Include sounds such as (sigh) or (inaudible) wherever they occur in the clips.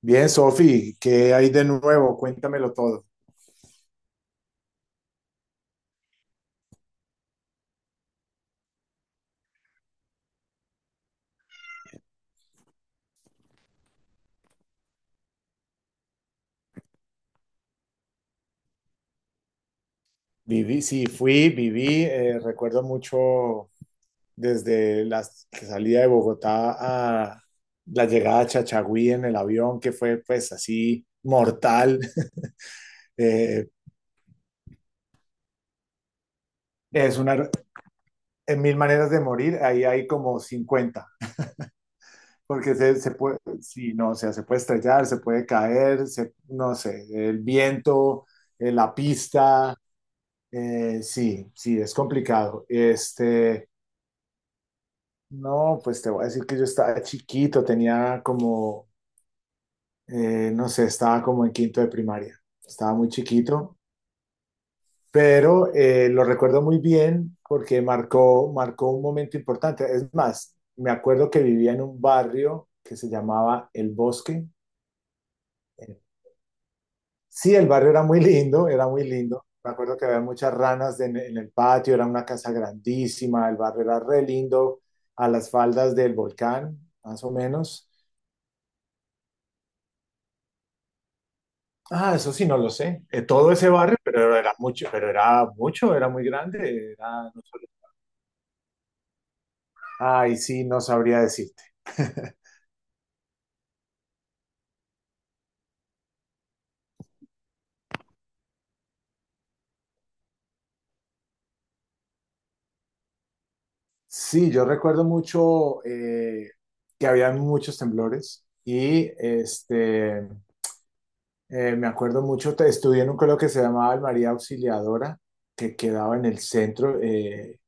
Bien, Sofi, ¿qué hay de nuevo? Cuéntamelo todo. Viví, sí, fui, viví, recuerdo mucho desde la salida de Bogotá a la llegada a Chachagüí en el avión, que fue pues así mortal. (laughs) Eh, es una, en mil maneras de morir, ahí hay como 50 porque se puede, sí, no, o sea, se puede estrellar, se puede caer, se, no sé, el viento, la pista, sí, sí, es complicado. Este, no, pues te voy a decir que yo estaba chiquito, tenía como, no sé, estaba como en quinto de primaria, estaba muy chiquito, pero lo recuerdo muy bien porque marcó un momento importante. Es más, me acuerdo que vivía en un barrio que se llamaba El Bosque. Eh, Sí, el barrio era muy lindo, era muy lindo. Me acuerdo que había muchas ranas en el patio, era una casa grandísima, el barrio era re lindo, a las faldas del volcán, más o menos. Ah, eso sí, no lo sé. Todo ese barrio, pero era mucho, era muy grande. Era, no solo- ay, sí, no sabría decirte. Sí, yo recuerdo mucho que había muchos temblores y me acuerdo mucho, estudié en un colegio que se llamaba el María Auxiliadora, que quedaba en el centro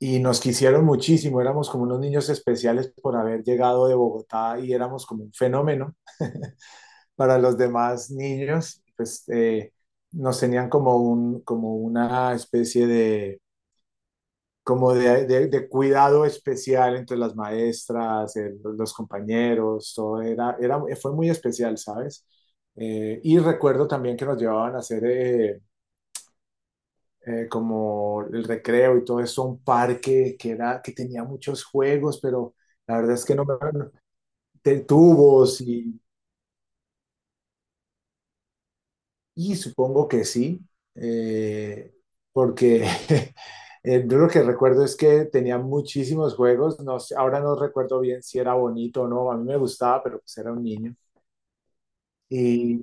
y nos quisieron muchísimo. Éramos como unos niños especiales por haber llegado de Bogotá y éramos como un fenómeno para los demás niños, pues nos tenían como, como una especie de, de cuidado especial entre las maestras, los compañeros, todo fue muy especial, ¿sabes? Y recuerdo también que nos llevaban a hacer como el recreo y todo eso, un parque que era, que tenía muchos juegos, pero la verdad es que no me... de tubos y supongo que sí, eh, porque (laughs) yo lo que recuerdo es que tenía muchísimos juegos, no, ahora no recuerdo bien si era bonito o no, a mí me gustaba, pero pues era un niño. Y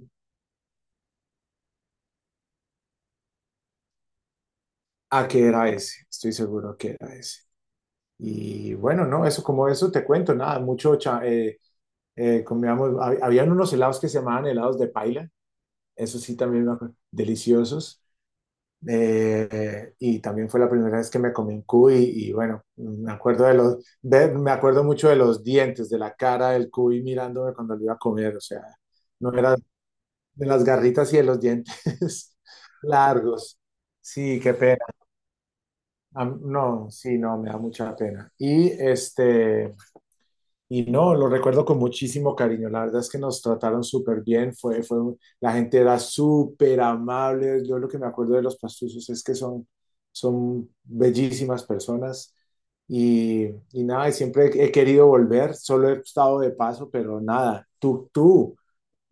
a qué era ese, estoy seguro que era ese. Y bueno, no, eso como eso te cuento, nada, mucho, comíamos, habían unos helados que se llamaban helados de paila, eso sí también me acuerdo, deliciosos. Y también fue la primera vez que me comí un cuy y bueno, me acuerdo de los, me acuerdo mucho de los dientes, de la cara del cuy mirándome cuando lo iba a comer, o sea, no era de las garritas y de los dientes (laughs) largos. Sí, qué pena. No, sí, no, me da mucha pena. Y este, y no, lo recuerdo con muchísimo cariño. La verdad es que nos trataron súper bien. La gente era súper amable. Yo lo que me acuerdo de los pastusos es que son bellísimas personas. Y, y nada, y siempre he querido volver. Solo he estado de paso, pero nada.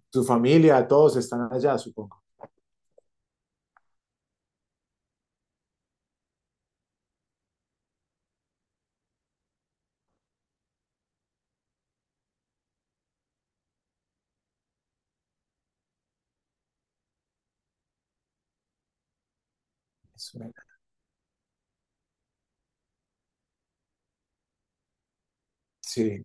Tu familia, todos están allá, supongo. Eso era. Sí.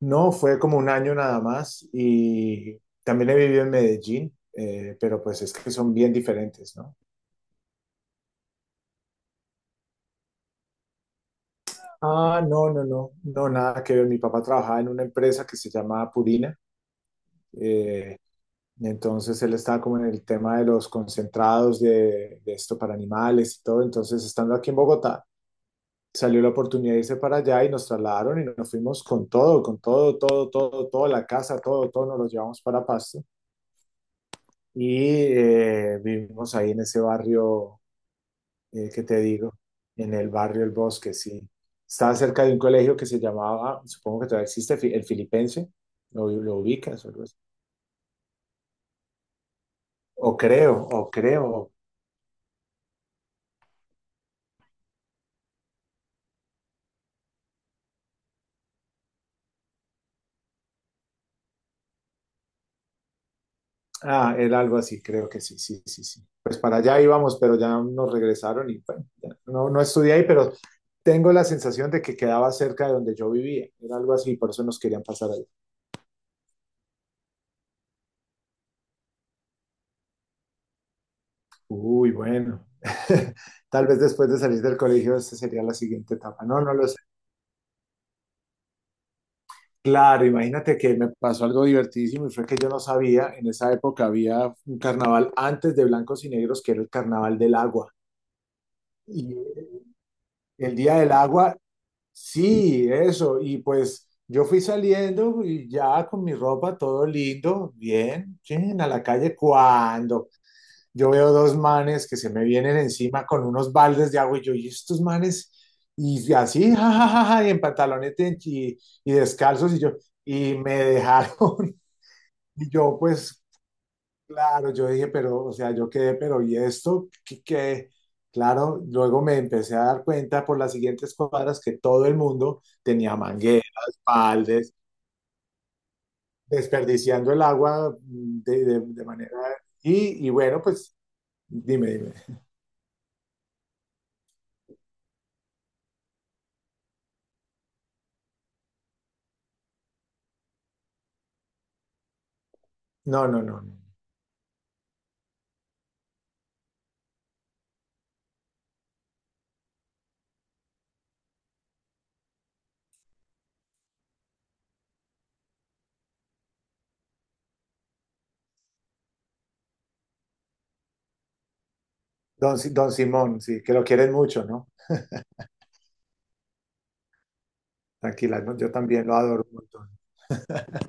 No, fue como un año nada más. Y también he vivido en Medellín, pero pues es que son bien diferentes, ¿no? Ah, no, no, no, no, nada que ver. Mi papá trabajaba en una empresa que se llamaba Purina, eh, y entonces él estaba como en el tema de los concentrados de esto para animales y todo. Entonces, estando aquí en Bogotá, salió la oportunidad de irse para allá y nos trasladaron y nos fuimos con todo, todo, todo, todo, la casa, todo, todo, nos lo llevamos para Pasto y vivimos ahí en ese barrio ¿qué te digo? En el barrio El Bosque, sí. Estaba cerca de un colegio que se llamaba, supongo que todavía existe, el Filipense, lo ubicas o algo así. O creo. Ah, era algo así, creo que sí, sí, sí, sí. Pues para allá íbamos, pero ya nos regresaron y bueno, ya no, no estudié ahí, pero tengo la sensación de que quedaba cerca de donde yo vivía. Era algo así, por eso nos querían pasar ahí. Uy, bueno. (laughs) Tal vez después de salir del colegio, esa sería la siguiente etapa. No, no lo sé. Claro, imagínate que me pasó algo divertidísimo y fue que yo no sabía, en esa época había un carnaval antes de Blancos y Negros que era el Carnaval del Agua. Y el Día del Agua, sí, eso. Y pues yo fui saliendo y ya con mi ropa todo lindo, bien, chin, a la calle cuando yo veo dos manes que se me vienen encima con unos baldes de agua y yo, ¿y estos manes? Y así, (laughs) ja, ja, ja, ja, y en pantalones y descalzos y yo, y me (laughs) dejaron. Y yo, pues, claro, yo dije, pero, o sea, yo quedé, pero, ¿y esto? ¿Qué, qué? Claro, luego me empecé a dar cuenta por las siguientes cuadras que todo el mundo tenía mangueras, baldes, desperdiciando el agua de, de manera... Y, y bueno, pues, dime, dime. No, no, no, no. Don, Si- Don Simón, sí, que lo quieren mucho, ¿no? Tranquila, ¿no? Yo también lo adoro un montón. (laughs)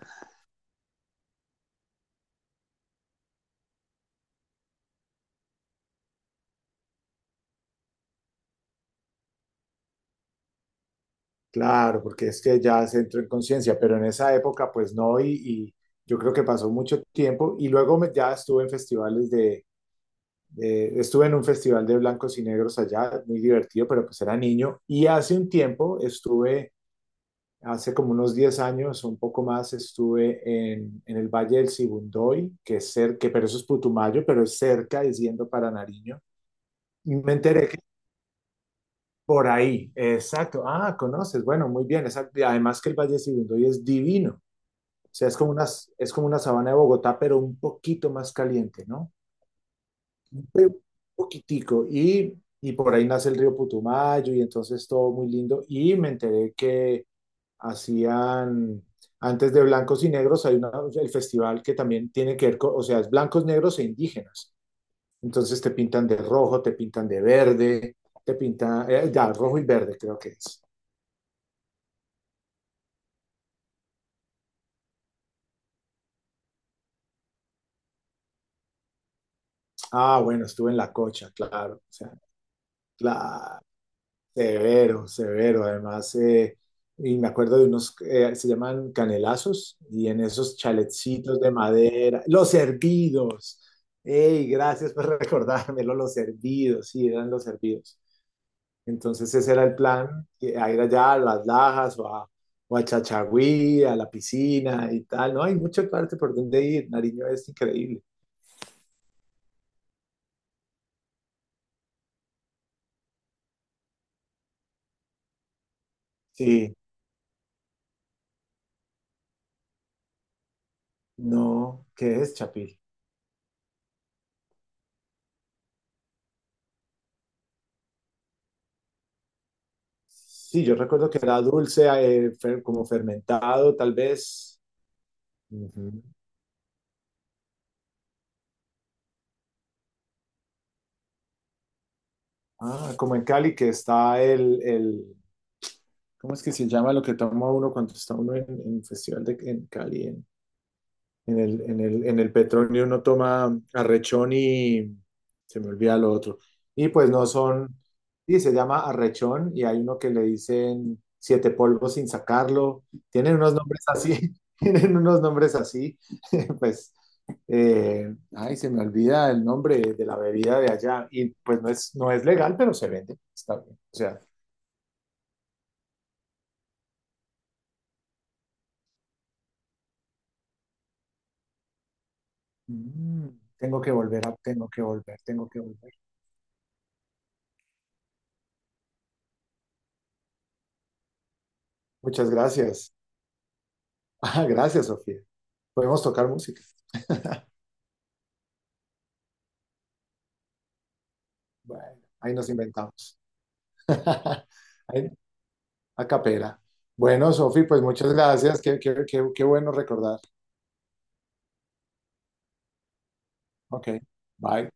Claro, porque es que ya se entró en conciencia, pero en esa época pues no, y yo creo que pasó mucho tiempo y luego ya estuve en festivales estuve en un festival de blancos y negros allá, muy divertido, pero pues era niño, y hace un tiempo estuve, hace como unos 10 años, un poco más, estuve en, el Valle del Sibundoy, que es cerca, pero eso es Putumayo, pero es cerca, es yendo para Nariño, y me enteré que por ahí, exacto, ah, conoces, bueno, muy bien, exacto, y además que el Valle del Sibundoy es divino. O sea, es como una sabana de Bogotá, pero un poquito más caliente, ¿no? Pero un poquitico. Y por ahí nace el río Putumayo y entonces todo muy lindo. Y me enteré que hacían, antes de blancos y negros, hay una, el festival que también tiene que ver con, o sea, es blancos, negros e indígenas. Entonces te pintan de rojo, te pintan de verde, te pintan, ya, rojo y verde creo que es. Ah, bueno, estuve en la cocha, claro. O sea, claro. Severo, severo. Además, y me acuerdo de unos, se llaman canelazos, y en esos chaletcitos de madera, los hervidos. ¡Ey, gracias por (laughs) recordármelo! Los hervidos, sí, eran los hervidos. Entonces ese era el plan, que a ir allá a las Lajas o a Chachagüí, a la piscina y tal. No, hay mucha parte por donde ir. Nariño es increíble. Sí, no, ¿qué es Chapil? Sí, yo recuerdo que era dulce, como fermentado, tal vez. Ujú. Ah, como en Cali, que está el, ¿cómo es que se llama lo que toma uno cuando está uno en, el festival de, en Cali? En el Petronio uno toma arrechón y se me olvida lo otro. Y pues no son, y se llama arrechón y hay uno que le dicen siete polvos sin sacarlo. Tienen unos nombres así, (laughs) tienen unos nombres así. (laughs) Pues, ay, se me olvida el nombre de la bebida de allá. Y pues no es, no es legal, pero se vende. Está bien. O sea, mm, tengo que volver, tengo que volver, tengo que volver. Muchas gracias. Ah, gracias, Sofía. Podemos tocar música. (laughs) Bueno, ahí nos inventamos. (laughs) Ahí, a capela. Bueno, Sofía, pues muchas gracias. Qué bueno recordar. Ok, bye.